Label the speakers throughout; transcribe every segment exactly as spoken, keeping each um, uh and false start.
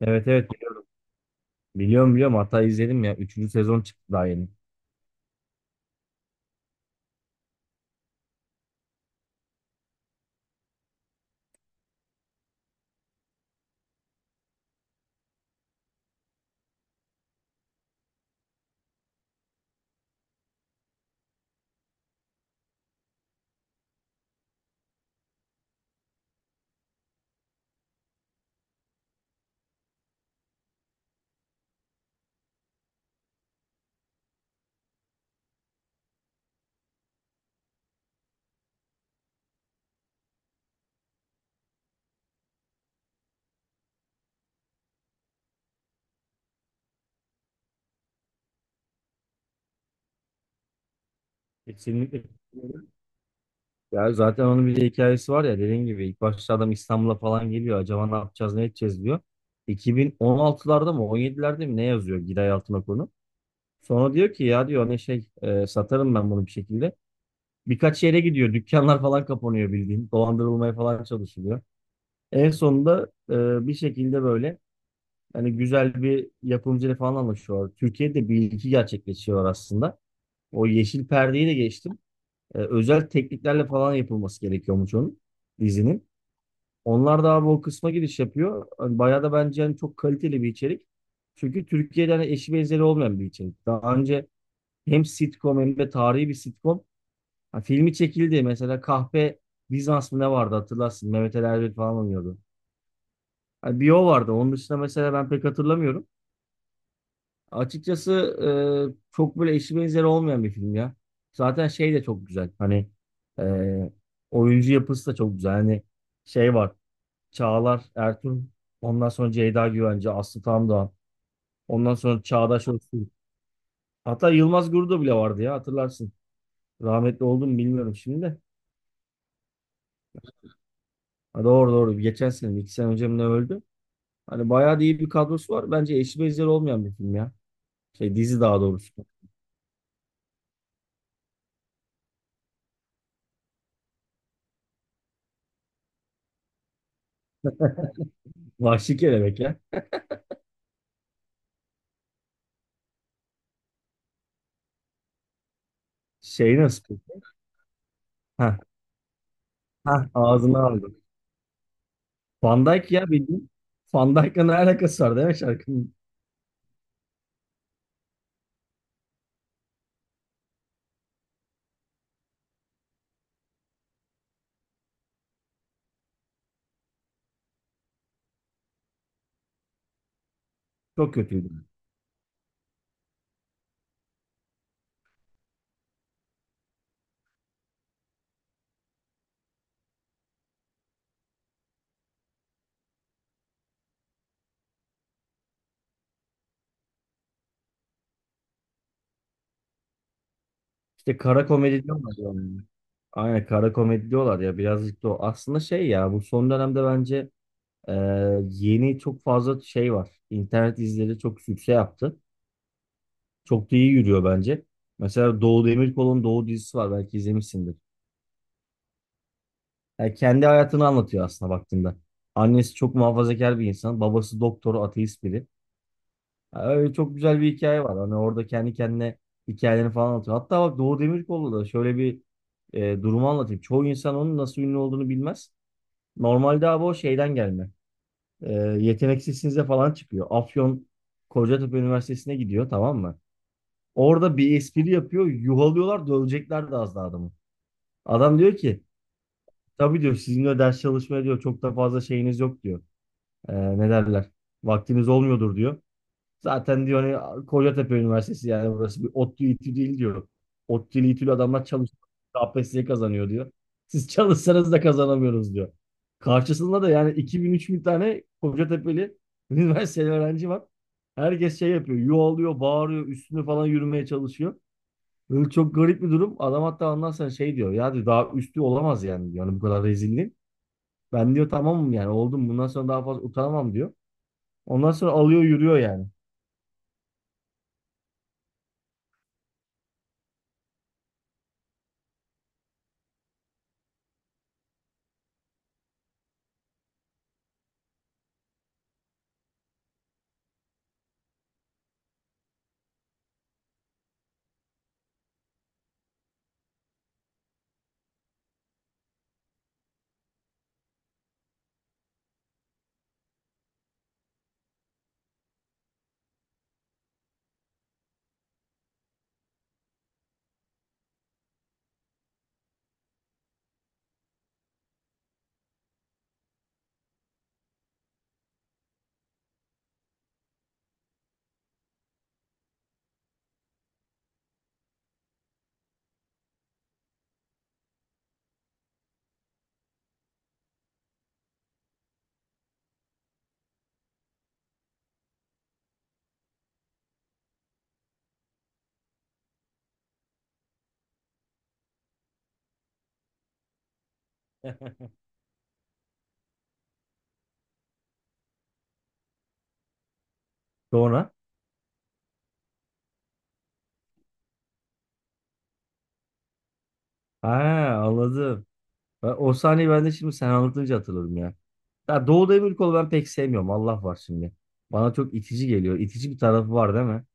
Speaker 1: Evet evet biliyorum biliyorum biliyorum. Hatta izledim ya, üçüncü sezon çıktı daha yeni. Kesinlikle. Ya zaten onun bir de hikayesi var ya, dediğin gibi ilk başta adam İstanbul'a falan geliyor, acaba ne yapacağız ne edeceğiz diyor. iki bin on altılarda mı on yedilerde mi ne yazıyor Giray Altınok'unu. Sonra diyor ki ya diyor ne şey e, satarım ben bunu bir şekilde. Birkaç yere gidiyor, dükkanlar falan kapanıyor, bildiğin dolandırılmaya falan çalışılıyor. En sonunda e, bir şekilde böyle hani güzel bir yapımcıyla falan anlaşıyorlar. Türkiye'de bir ilki gerçekleşiyor aslında. O yeşil perdeyi de geçtim. Ee, özel tekniklerle falan yapılması gerekiyormuş onun dizinin. Onlar da abi o kısma giriş yapıyor. Hani bayağı da bence hani çok kaliteli bir içerik. Çünkü Türkiye'de hani eşi benzeri olmayan bir içerik. Daha önce hem sitcom hem de tarihi bir sitcom. Ha, filmi çekildi. Mesela Kahpe Bizans mı ne vardı hatırlarsın. Mehmet Ali Erbil falan oynuyordu. Ha, bir o vardı. Onun dışında mesela ben pek hatırlamıyorum. Açıkçası e, çok böyle eşi benzeri olmayan bir film ya. Zaten şey de çok güzel. Hani e, oyuncu yapısı da çok güzel. Hani şey var. Çağlar Ertuğrul. Ondan sonra Ceyda Güvenci, Aslı Tamdağ. Ondan sonra Çağdaş Öztürk. Hatta Yılmaz Guru'da bile vardı ya, hatırlarsın. Rahmetli oldu mu bilmiyorum şimdi de. Ha, doğru doğru. Geçen sene, iki sene önce mi ne öldü? Hani bayağı da iyi bir kadrosu var. Bence eşi benzeri olmayan bir film ya. Şey, dizi daha doğrusu. Vahşi Kelebek ya. Şey nasıl? Heh. Hah, ağzına aldım. Van Dijk ya bildiğin. Van Dijk'la ne alakası var değil mi şarkının? Çok kötüydü. İşte kara komedi diyorlar ya ona. Aynen, kara komedi diyorlar ya, birazcık da o. Aslında şey ya, bu son dönemde bence e, yeni çok fazla şey var. İnternet dizileri çok sükse yaptı. Çok da iyi yürüyor bence. Mesela Doğu Demirkol'un Doğu dizisi var, belki izlemişsindir. Yani kendi hayatını anlatıyor aslında baktığında. Annesi çok muhafazakar bir insan. Babası doktor, ateist biri. Ha, öyle çok güzel bir hikaye var. Hani orada kendi kendine hikayelerini falan anlatıyor. Hatta bak Doğu Demirkol'da da şöyle bir e, durumu anlatayım. Çoğu insan onun nasıl ünlü olduğunu bilmez. Normalde abi o şeyden gelme. E, Yeteneksizsinize falan çıkıyor. Afyon Kocatepe Üniversitesi'ne gidiyor, tamam mı? Orada bir espri yapıyor. Yuhalıyorlar, dövecekler de az daha adamı. Adam diyor ki tabii diyor sizinle ders çalışmaya diyor çok da fazla şeyiniz yok diyor. E, ne derler? Vaktiniz olmuyordur diyor. Zaten diyor hani Kocatepe Üniversitesi yani burası bir ODTÜ İTÜ değil diyor. ODTÜ'lü İTÜ'lü adamlar çalışıyor. K P S S kazanıyor diyor. Siz çalışsanız da kazanamıyoruz diyor. Karşısında da yani iki bin üç bin tane Kocatepe'li üniversiteli öğrenci var. Herkes şey yapıyor. Yuvalıyor, bağırıyor, üstüne falan yürümeye çalışıyor. Böyle çok garip bir durum. Adam hatta ondan sonra şey diyor. Ya diyor, daha üstü olamaz yani diyor. Hani bu kadar rezilliğin. Ben diyor tamamım yani oldum. Bundan sonra daha fazla utanamam diyor. Ondan sonra alıyor yürüyor yani. Sonra ha, anladım. Ben, o sahneyi ben de şimdi sen anlatınca hatırladım ya. Ya Doğu Demirkol'u ben pek sevmiyorum. Allah var şimdi. Bana çok itici geliyor. İtici bir tarafı var değil mi?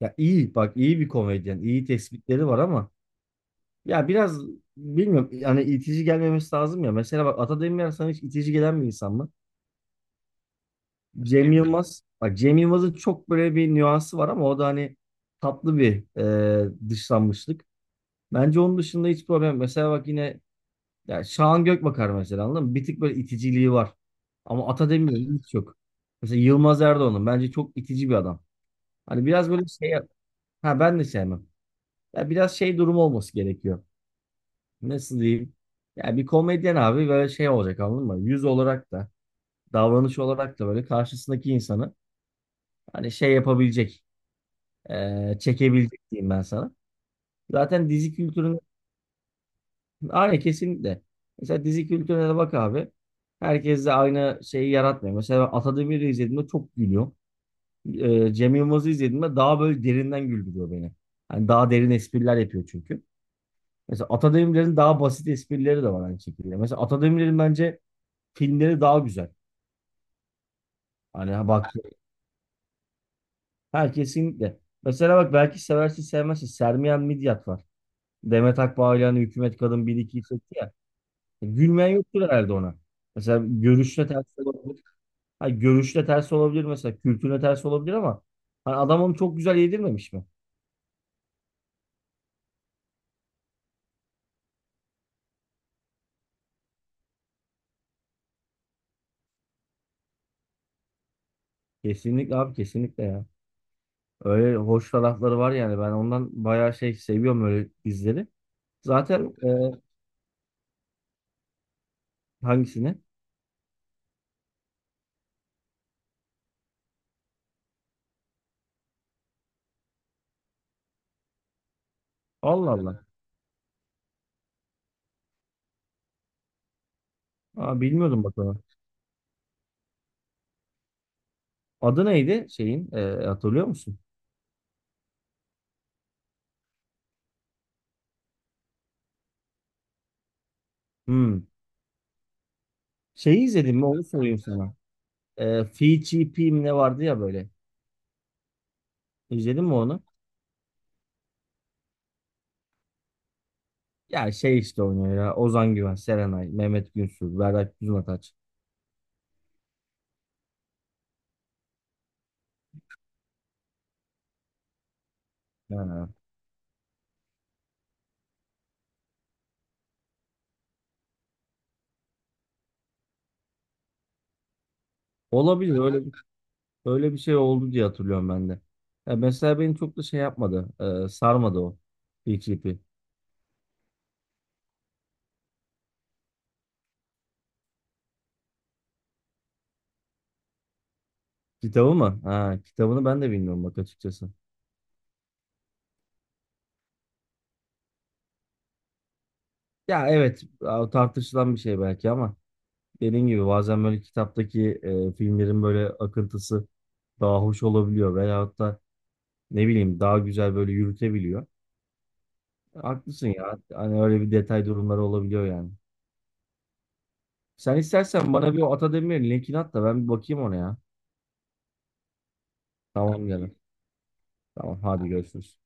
Speaker 1: Ya iyi bak, iyi bir komedyen. İyi tespitleri var ama ya biraz bilmiyorum yani itici gelmemesi lazım ya. Mesela bak Ata Demirer sana hiç itici gelen bir insan mı? Cem Yılmaz. Bak Cem Yılmaz'ın çok böyle bir nüansı var ama o da hani tatlı bir e, dışlanmışlık. Bence onun dışında hiç problem. Mesela bak yine, ya Şahan Gökbakar mesela, anladın mı? Bir tık böyle iticiliği var. Ama Ata Demirer'in hiç yok. Mesela Yılmaz Erdoğan'ın bence çok itici bir adam. Hani biraz böyle şey, ha ben de sevmem. Ya biraz şey durumu olması gerekiyor. Nasıl diyeyim? Ya bir komedyen abi böyle şey olacak, anladın mı? Yüz olarak da davranış olarak da böyle karşısındaki insanı hani şey yapabilecek, eee, çekebilecek diyeyim ben sana. Zaten dizi kültüründe aynen kesinlikle. Mesela dizi kültürüne de bak abi. Herkes de aynı şeyi yaratmıyor. Mesela ben Atademir'i izlediğimde çok gülüyorum. Ee, Cem Yılmaz'ı izlediğimde daha böyle derinden güldürüyor beni. Hani daha derin espriler yapıyor çünkü. Mesela Atademir'in daha basit esprileri de var aynı şekilde. Mesela Atademir'in bence filmleri daha güzel. Hani bak her kesinlikle. Mesela bak belki seversin sevmezsin. Sermiyan Midyat var. Demet Akbağ ile hani Hükümet Kadın bir ikiyi çekti ya. Gülmeyen yoktur herhalde ona. Mesela görüşle ters de olabilir. Ha, görüşte ters olabilir mesela. Kültürle ters olabilir ama hani adam onu çok güzel yedirmemiş mi? Kesinlikle abi, kesinlikle ya. Öyle hoş tarafları var yani. Ben ondan bayağı şey seviyorum, öyle dizileri. Zaten e, hangisini? Allah Allah. Aa, bilmiyordum bak onu. Adı neydi şeyin? E, hatırlıyor musun? Hmm. Şeyi izledin mi? Onu sorayım sana. E, Fi Chi Pi mi ne vardı ya böyle. İzledin mi onu? Ya şey işte oynuyor ya. Ozan Güven, Serenay, Mehmet Günsür, Berrak Düzmataç. Ha. Olabilir öyle, öyle bir şey oldu diye hatırlıyorum ben de. Ya mesela beni çok da şey yapmadı, e, sarmadı o P G P. Kitabı mı? Ha, kitabını ben de bilmiyorum bak açıkçası. Ya evet a- tartışılan bir şey belki ama dediğim gibi bazen böyle kitaptaki e, filmlerin böyle akıntısı daha hoş olabiliyor veyahut da ne bileyim daha güzel böyle yürütebiliyor. E, haklısın ya. Hani öyle bir detay durumları olabiliyor yani. Sen istersen bana bir o Atademir'in linkini at da ben bir bakayım ona ya. Tamam canım. Tamam hadi görüşürüz.